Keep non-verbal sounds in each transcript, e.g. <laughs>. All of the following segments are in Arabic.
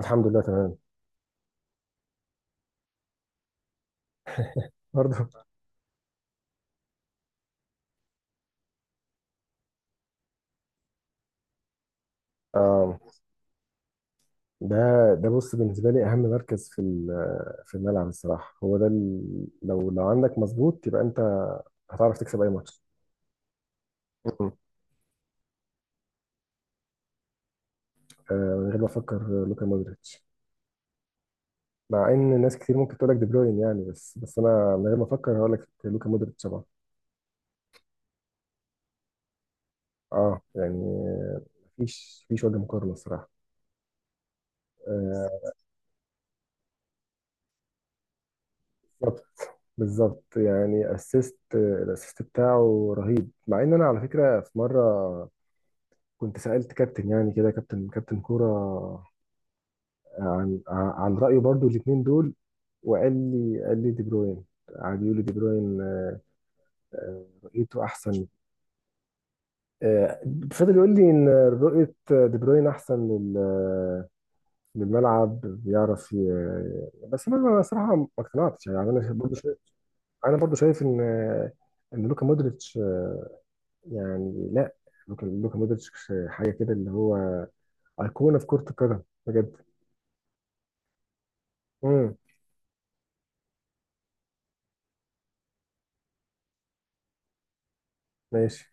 الحمد لله، تمام. برضه. آه، ده بص، بالنسبه لي اهم مركز في الملعب الصراحه، هو ده لو عندك مظبوط يبقى انت هتعرف تكسب اي ماتش. مم. من غير ما افكر، لوكا مودريتش. مع ان ناس كتير ممكن تقول لك دي بروين يعني، بس انا من غير ما افكر هقول لك لوكا مودريتش طبعا. اه يعني. آه. مفيش وجه مقارنه الصراحه. آه. بالظبط. بالظبط يعني، الاسيست بتاعه رهيب، مع ان انا على فكره في مره كنت سألت كابتن، يعني كده، كابتن كورة. آه، عن آه، عن رأيه برضو الاتنين دول، وقال لي قال لي دي بروين، قعد يقول لي دي بروين، رؤيته احسن. آه، فضل يقول لي ان رؤية دي بروين احسن للملعب، بيعرف بس انا صراحة ما اقتنعتش، يعني انا برضو شايف، ان ان لوكا مودريتش يعني لا، لوكا مودريتش حاجة كده، اللي هو أيقونة في كرة القدم بجد. امم. ماشي.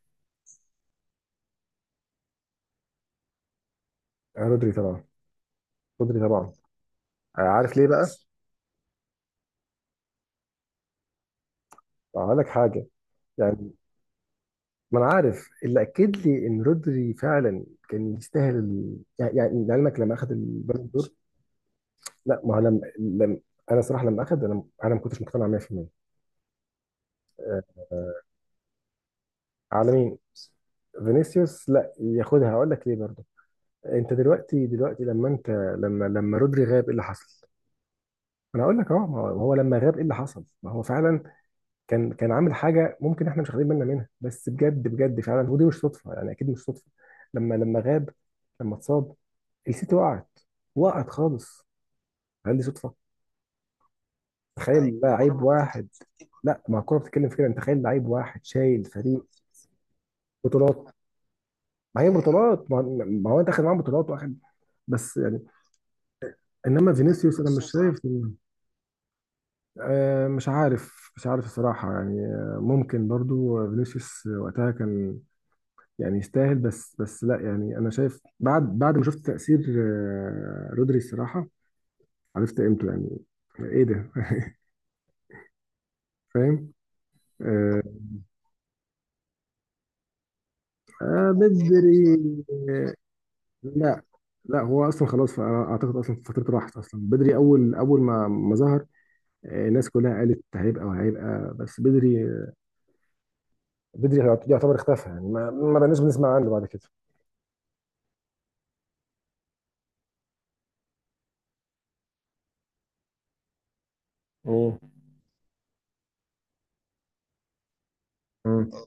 رودري طبعا. رودري طبعا. عارف ليه بقى؟ هقول لك حاجه، يعني ما انا عارف اللي اكد لي ان رودري فعلا كان يستاهل ال... يعني يعني لعلمك، لما اخذ البالون دور. لا ما هو، لما انا صراحه لما اخذ، انا ما كنتش مقتنع 100%. آه، آه، على مين؟ فينيسيوس لا ياخدها، هقول لك ليه برضه. انت دلوقتي، لما انت، لما رودري غاب ايه اللي حصل؟ انا هقول لك، اه ما هو، لما غاب ايه اللي حصل؟ ما هو فعلا كان عامل حاجه ممكن احنا مش واخدين بالنا منها، بس بجد بجد فعلا، ودي مش صدفه، يعني اكيد مش صدفه. لما غاب، لما اتصاب، السيتي وقعت، وقعت خالص. هل دي صدفه؟ تخيل، الكورة لعيب ما بتتكلمش واحد في كده، لا ما الكوره بتتكلم في كده، انت تخيل لعيب واحد شايل فريق. بطولات. ما هي بطولات، ما هو انت اخد معاهم بطولات واخد. بس يعني. انما فينيسيوس، انا مش فينيسيوس عامل شايف. آه، مش عارف الصراحه يعني. ممكن برضو فينيسيوس وقتها كان يعني يستاهل، بس لا يعني، انا شايف بعد ما شفت تأثير رودري الصراحة، عرفت قيمته يعني. ايه ده. <laughs> فاهم. آه. بدري. آه، لا. لا، هو اصلا خلاص، فأنا اعتقد اصلا فترته راحت، اصلا بدري اول ما ظهر، الناس كلها قالت هيبقى وهيبقى، بس بدري، بدري يعتبر اختفى، يعني ما بقناش بنسمع عنه بعد كده. مم. مم.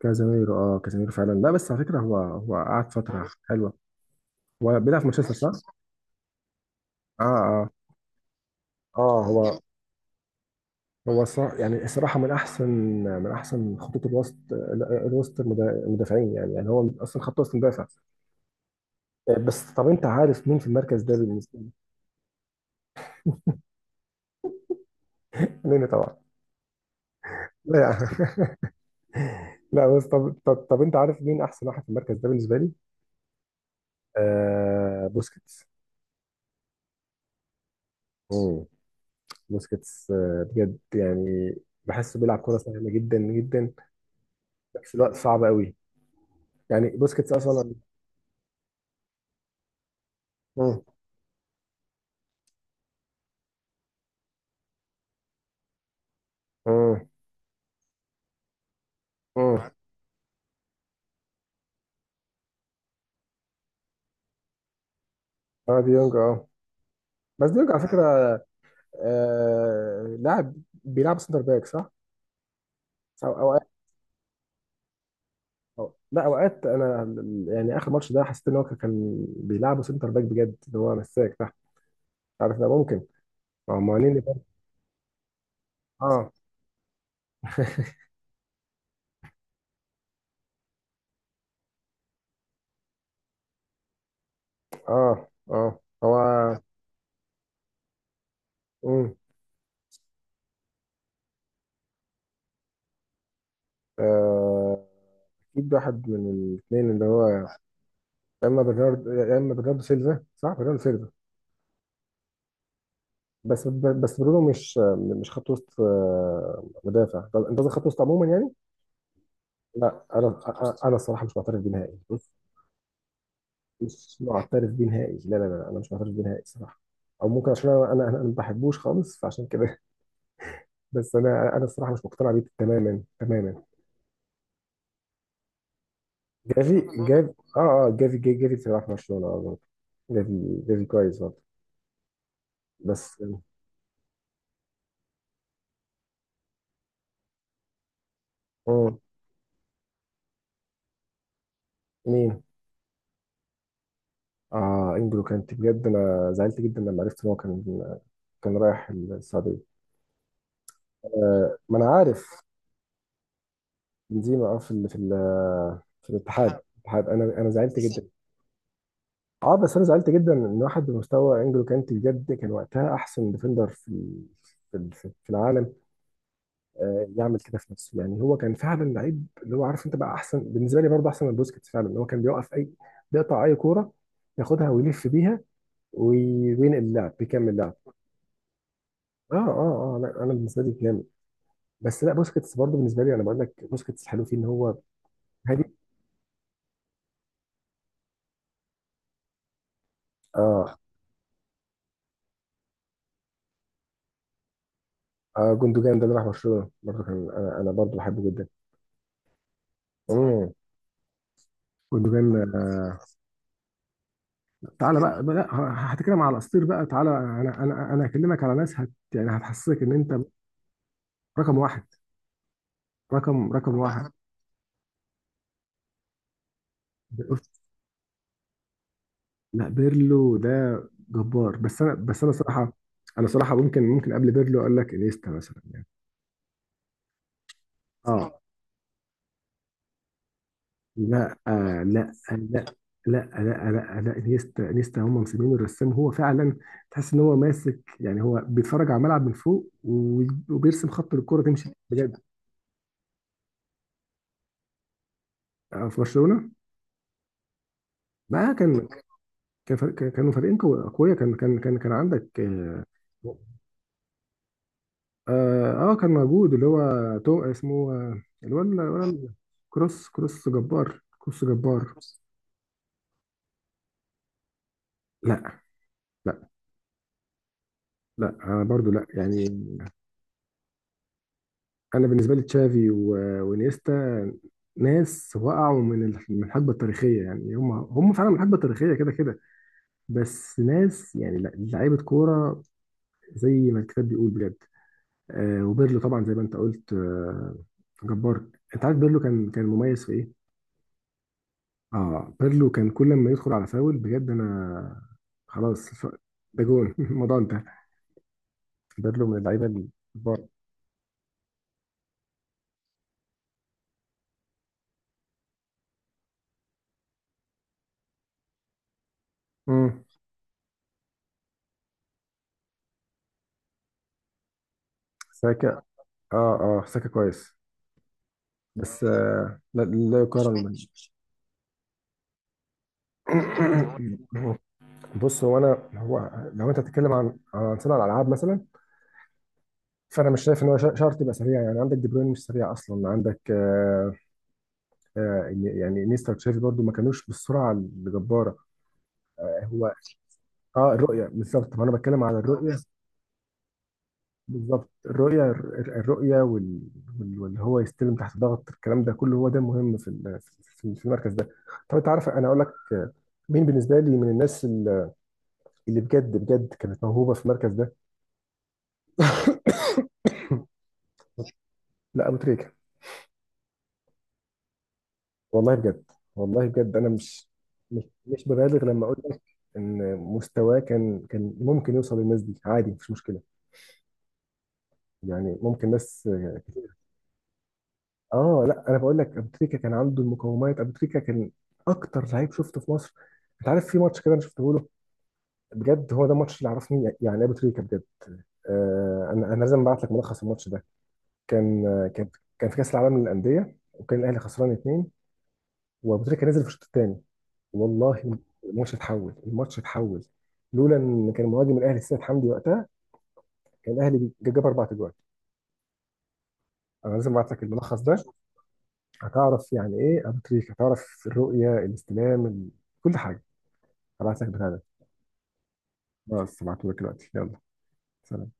كازاميرو، اه كازاميرو فعلا، لا بس على فكره، هو قعد فتره حلوه. هو بيلعب في مانشستر صح؟ اه اه. اه هو، هو الصراحة، من أحسن، خطوط الوسط، الوسط المدافعين، يعني هو أصلا خط وسط مدافع. بس طب، أنت عارف مين في المركز ده بالنسبة لي؟ نني طبعا. لا يعني. <laughs> لا بس طب، أنت عارف مين أحسن واحد في المركز ده بالنسبة لي؟ بوسكيتس. مم. بوسكيتس، آه بجد يعني، بحسه بيلعب كرة سهلة جدا جدا، بس الوقت صعب قوي. يعني بوسكيتس أصلا. مم. مم. مم. اه ديونج اه، بس ديونج على فكرة، آه لاعب بيلعب سنتر باك صح؟ صح، أو اوقات. أو لا، اوقات انا اخر ماتش ده حسيت ان هو كان بيلعبه سنتر باك بجد، اللي هو مساك تحت. عارف ده ممكن. اه، مهنيني برضه. اه. <laughs> اه، اه هو. امم. آه، اكيد واحد من الاثنين، اللي هو يا اما برنارد، يا اما برناردو سيلفا. صح، برناردو سيلفا. بس برونو مش خط وسط، مدافع. طب انت قصدك خط وسط عموما يعني. لا انا، انا أنا الصراحه مش معترف بيه نهائي، مش معترف بيه نهائي. لا لا لا، انا مش معترف بيه نهائي الصراحه، او ممكن عشان انا ما بحبوش خالص، فعشان كده. <laughs> بس انا الصراحه مش مقتنع بيه تماما تماما. جافي. جافي اه. اه جافي، جافي بصراحه في برشلونه، اه برضه. جافي، جافي كويس برضه. بس. اه. مين. اه، انجلو كانت، بجد انا زعلت جدا لما عرفت ان هو كان، كان رايح السعوديه. آه، ما انا عارف. بنزيما، اه، في ال- في ال- آه، في الاتحاد انا زعلت جدا. اه، بس انا زعلت جدا ان واحد بمستوى انجلو كانتي، بجد كان وقتها احسن ديفندر في، في العالم، يعمل كده في نفسه يعني. هو كان فعلا لعيب اللي هو عارف انت، بقى احسن بالنسبه لي برضه، احسن من بوسكيتس فعلا، اللي هو كان بيوقف اي، بيقطع اي كوره، ياخدها ويلف بيها، وينقل اللعب، بيكمل اللعب. اه اه اه، لا انا بالنسبه لي جامد، بس لا، بوسكيتس برضه بالنسبه لي، انا بقول لك بوسكيتس حلو فيه ان هو هادي. اه، اه جوندوجان ده اللي راح برشلونه برضه، كان انا برضه بحبه جدا. امم. جوندوجان. تعالى بقى لا، هتكلم على الاساطير بقى، تعالى، انا هكلمك على ناس هت، يعني هتحسسك ان انت رقم واحد، رقم واحد. <laughs> لا، بيرلو ده جبار، بس انا صراحه، انا صراحه ممكن قبل بيرلو اقول لك انيستا مثلا يعني. اه لا، آه لا، آه، لا، لا لا لا لا، انيستا هم مسمينه الرسام، هو فعلا تحس ان هو ماسك، يعني هو بيتفرج على الملعب من فوق وبيرسم، خط الكرة تمشي بجد. في برشلونة. ما كان كانوا فريقين اقوياء، كان كان كان كان عندك، اه، كان موجود اللي هو تو اسمه، اللي هو اللي هو كروس. كروس جبار، كروس جبار. لا لا لا، انا برضو لا يعني، انا بالنسبه لي تشافي وانيستا، ناس وقعوا من الحقبه التاريخيه يعني، هم فعلا من الحقبه التاريخيه كده كده. بس ناس يعني لا، لعيبه كوره زي ما الكتاب بيقول بجد. آه، وبيرلو طبعا زي ما انت قلت، آه، جبار. انت عارف بيرلو كان مميز في ايه؟ اه، بيرلو كان كل ما يدخل على فاول بجد انا خلاص، ده جون. <laughs> الموضوع انتهى، بيرلو من اللعيبه الكبار. امم. ساكا. اه اه، ساكا كويس، بس آه لا، لا يقارن <coughs> بص، هو لو انت بتتكلم عن صناعه الالعاب مثلا، فانا مش شايف ان هو شرط يبقى سريع يعني، عندك دي بروين مش سريع اصلا. عندك آه، آه يعني نيستا وتشافي برضو ما كانوش بالسرعه الجباره. هو اه، الرؤيه بالظبط، ما انا بتكلم على الرؤيه بالظبط، الرؤية، الرؤية وال... واللي هو يستلم تحت ضغط، الكلام ده كله هو ده مهم في المركز ده. طب انت عارف انا اقول لك مين بالنسبة لي من الناس اللي بجد بجد كانت موهوبة في المركز ده؟ لا، ابو تريكة. والله بجد. والله بجد انا مش، مش ببالغ لما اقول لك ان مستواه كان ممكن يوصل للناس دي عادي، مفيش مشكلة، يعني ممكن ناس. اه لا، انا بقول لك ابو تريكه كان عنده المقومات، ابو تريكه كان اكتر لعيب شفته في مصر. انت عارف في ماتش كده انا شفته له، بجد هو ده الماتش اللي عرفني يعني ابو تريكه بجد. آه، انا لازم ابعت لك ملخص الماتش ده. كان، كان في كاس العالم للانديه، وكان الاهلي خسران اتنين، وابو تريكه نزل في الشوط الثاني. والله، الماتش اتحول، الماتش اتحول. لولا ان كان مهاجم الاهلي السيد حمدي وقتها، كان الاهلي جاب اربع اجوال. انا لازم ابعت لك الملخص ده، هتعرف يعني ايه ابو تريكه، هتعرف الرؤيه، الاستلام، كل حاجه. هبعت لك بتاع ده. خلاص، هبعته لك دلوقتي، يلا. سلام.